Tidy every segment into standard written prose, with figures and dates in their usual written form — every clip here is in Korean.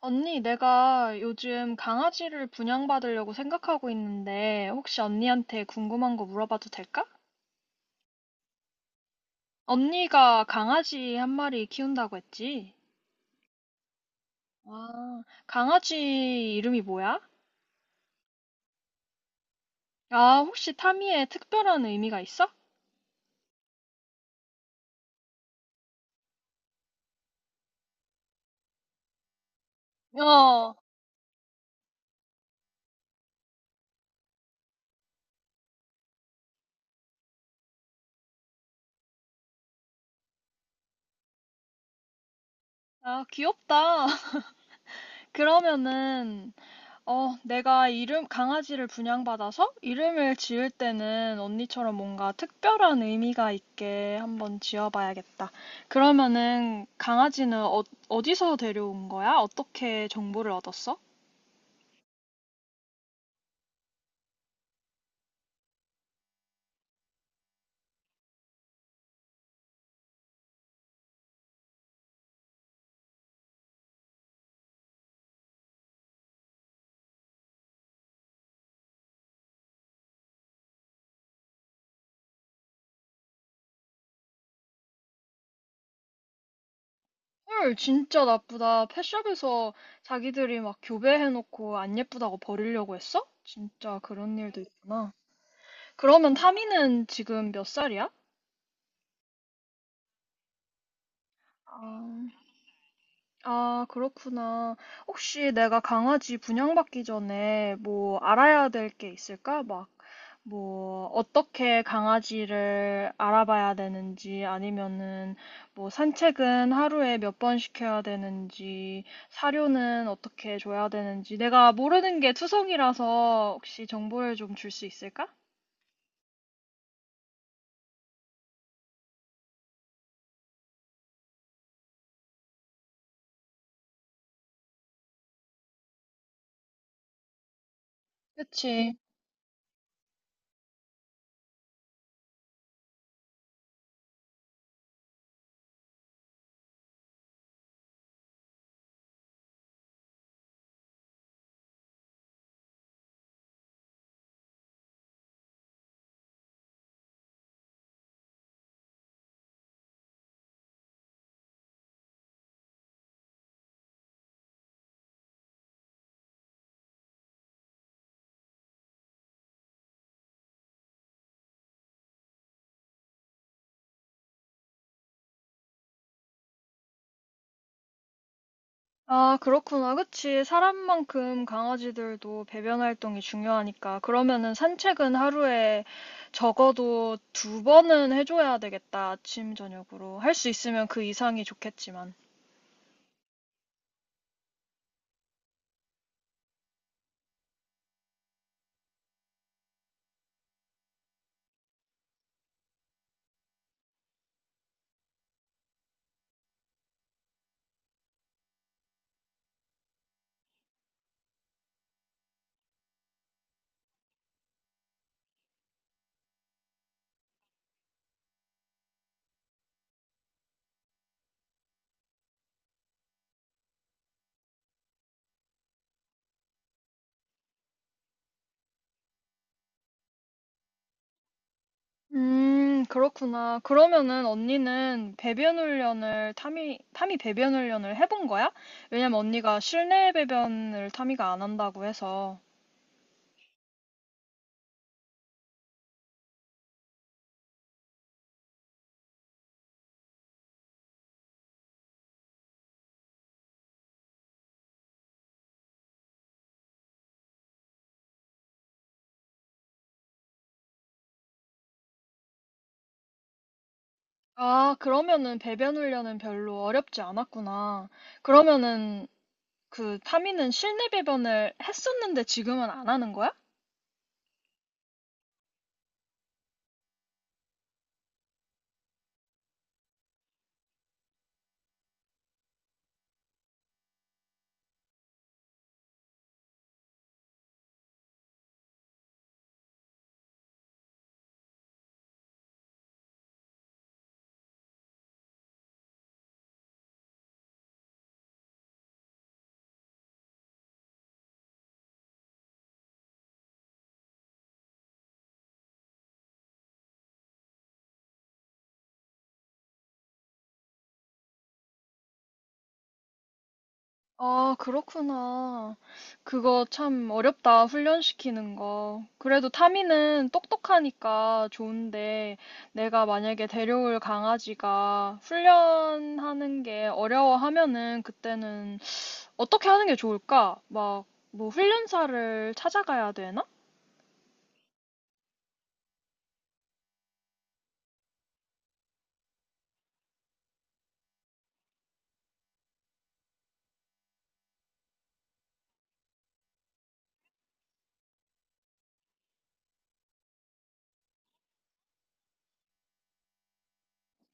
언니, 내가 요즘 강아지를 분양받으려고 생각하고 있는데, 혹시 언니한테 궁금한 거 물어봐도 될까? 언니가 강아지 한 마리 키운다고 했지? 아, 강아지 이름이 뭐야? 아, 혹시 타미에 특별한 의미가 있어? 어, 아, 귀엽다. 그러면은 내가 이름, 강아지를 분양받아서 이름을 지을 때는 언니처럼 뭔가 특별한 의미가 있게 한번 지어봐야겠다. 그러면은 강아지는 어디서 데려온 거야? 어떻게 정보를 얻었어? 헐, 진짜 나쁘다. 펫샵에서 자기들이 막 교배해놓고 안 예쁘다고 버리려고 했어? 진짜 그런 일도 있구나. 그러면 타미는 지금 몇 살이야? 아, 아, 그렇구나. 혹시 내가 강아지 분양받기 전에 뭐 알아야 될 게 있을까? 막, 뭐, 어떻게 강아지를 알아봐야 되는지, 아니면은 뭐 산책은 하루에 몇 번 시켜야 되는지, 사료는 어떻게 줘야 되는지, 내가 모르는 게 투성이라서 혹시 정보를 좀 줄 수 있을까? 그치. 아, 그렇구나. 그치. 사람만큼 강아지들도 배변 활동이 중요하니까. 그러면은 산책은 하루에 적어도 두 번은 해줘야 되겠다. 아침, 저녁으로. 할 수 있으면 그 이상이 좋겠지만. 그렇구나. 그러면은 언니는 배변 훈련을 타미 배변 훈련을 해본 거야? 왜냐면 언니가 실내 배변을 타미가 안 한다고 해서. 아, 그러면은 배변 훈련은 별로 어렵지 않았구나. 그러면은 그 타미는 실내 배변을 했었는데 지금은 안 하는 거야? 아, 그렇구나. 그거 참 어렵다, 훈련시키는 거. 그래도 타미는 똑똑하니까 좋은데, 내가 만약에 데려올 강아지가 훈련하는 게 어려워하면은 그때는 어떻게 하는 게 좋을까? 막, 뭐 훈련사를 찾아가야 되나?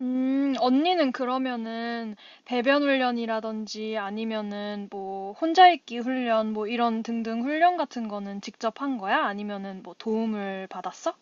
언니는 그러면은 배변 훈련이라든지 아니면은 뭐 혼자 있기 훈련 뭐 이런 등등 훈련 같은 거는 직접 한 거야? 아니면은 뭐 도움을 받았어?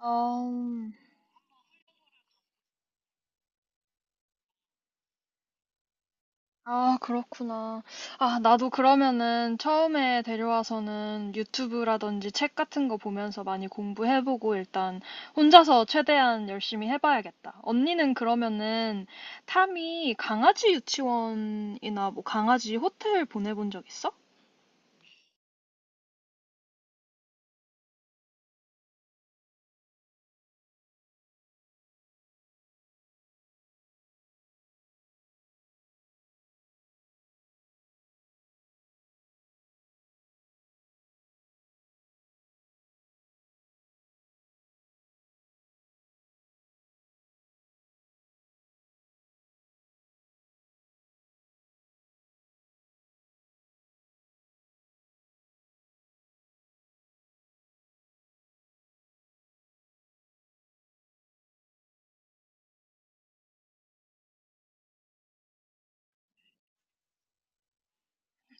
어, 아, 그렇구나. 아, 나도 그러면은 처음에 데려와서는 유튜브라든지 책 같은 거 보면서 많이 공부해보고 일단 혼자서 최대한 열심히 해봐야겠다. 언니는 그러면은 탐이 강아지 유치원이나 뭐 강아지 호텔 보내본 적 있어?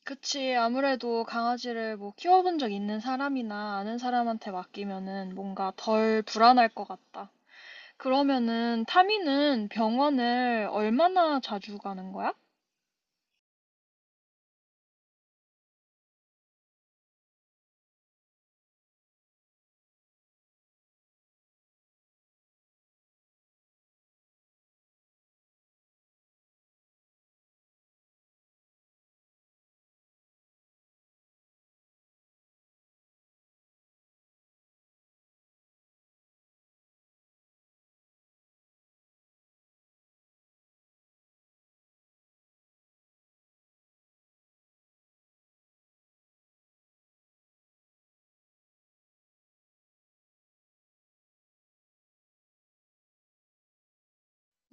그치. 아무래도 강아지를 뭐 키워본 적 있는 사람이나 아는 사람한테 맡기면은 뭔가 덜 불안할 것 같다. 그러면은 타미는 병원을 얼마나 자주 가는 거야?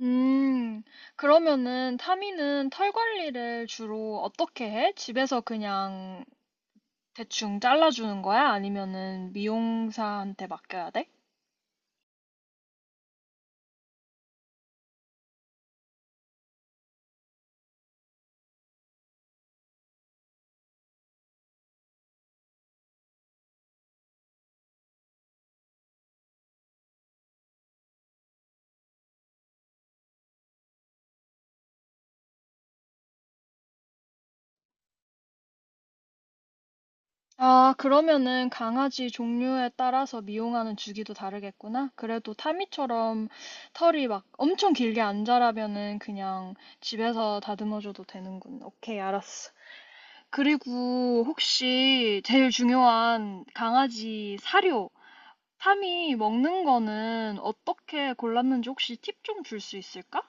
음, 그러면은 타미는 털 관리를 주로 어떻게 해? 집에서 그냥 대충 잘라주는 거야? 아니면은 미용사한테 맡겨야 돼? 아, 그러면은 강아지 종류에 따라서 미용하는 주기도 다르겠구나. 그래도 타미처럼 털이 막 엄청 길게 안 자라면은 그냥 집에서 다듬어줘도 되는군. 오케이, 알았어. 그리고 혹시 제일 중요한 강아지 사료. 삼이 먹는 거는 어떻게 골랐는지 혹시 팁 좀 줄 수 있을까?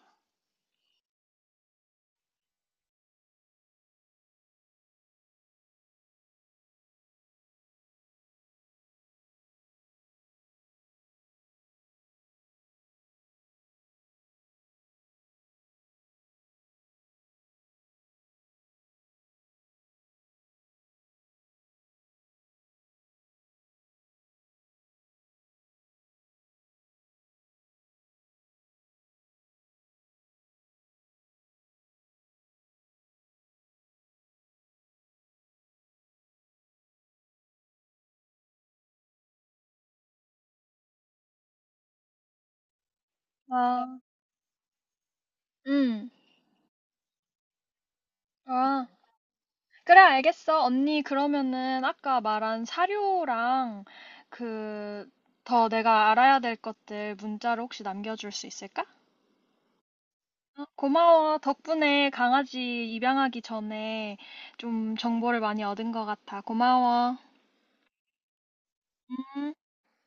아, 음. 아, 그래, 알겠어. 언니, 그러면은 아까 말한 사료랑 그, 더 내가 알아야 될 것들 문자로 혹시 남겨줄 수 있을까? 어, 고마워. 덕분에 강아지 입양하기 전에 좀 정보를 많이 얻은 것 같아. 고마워. 음.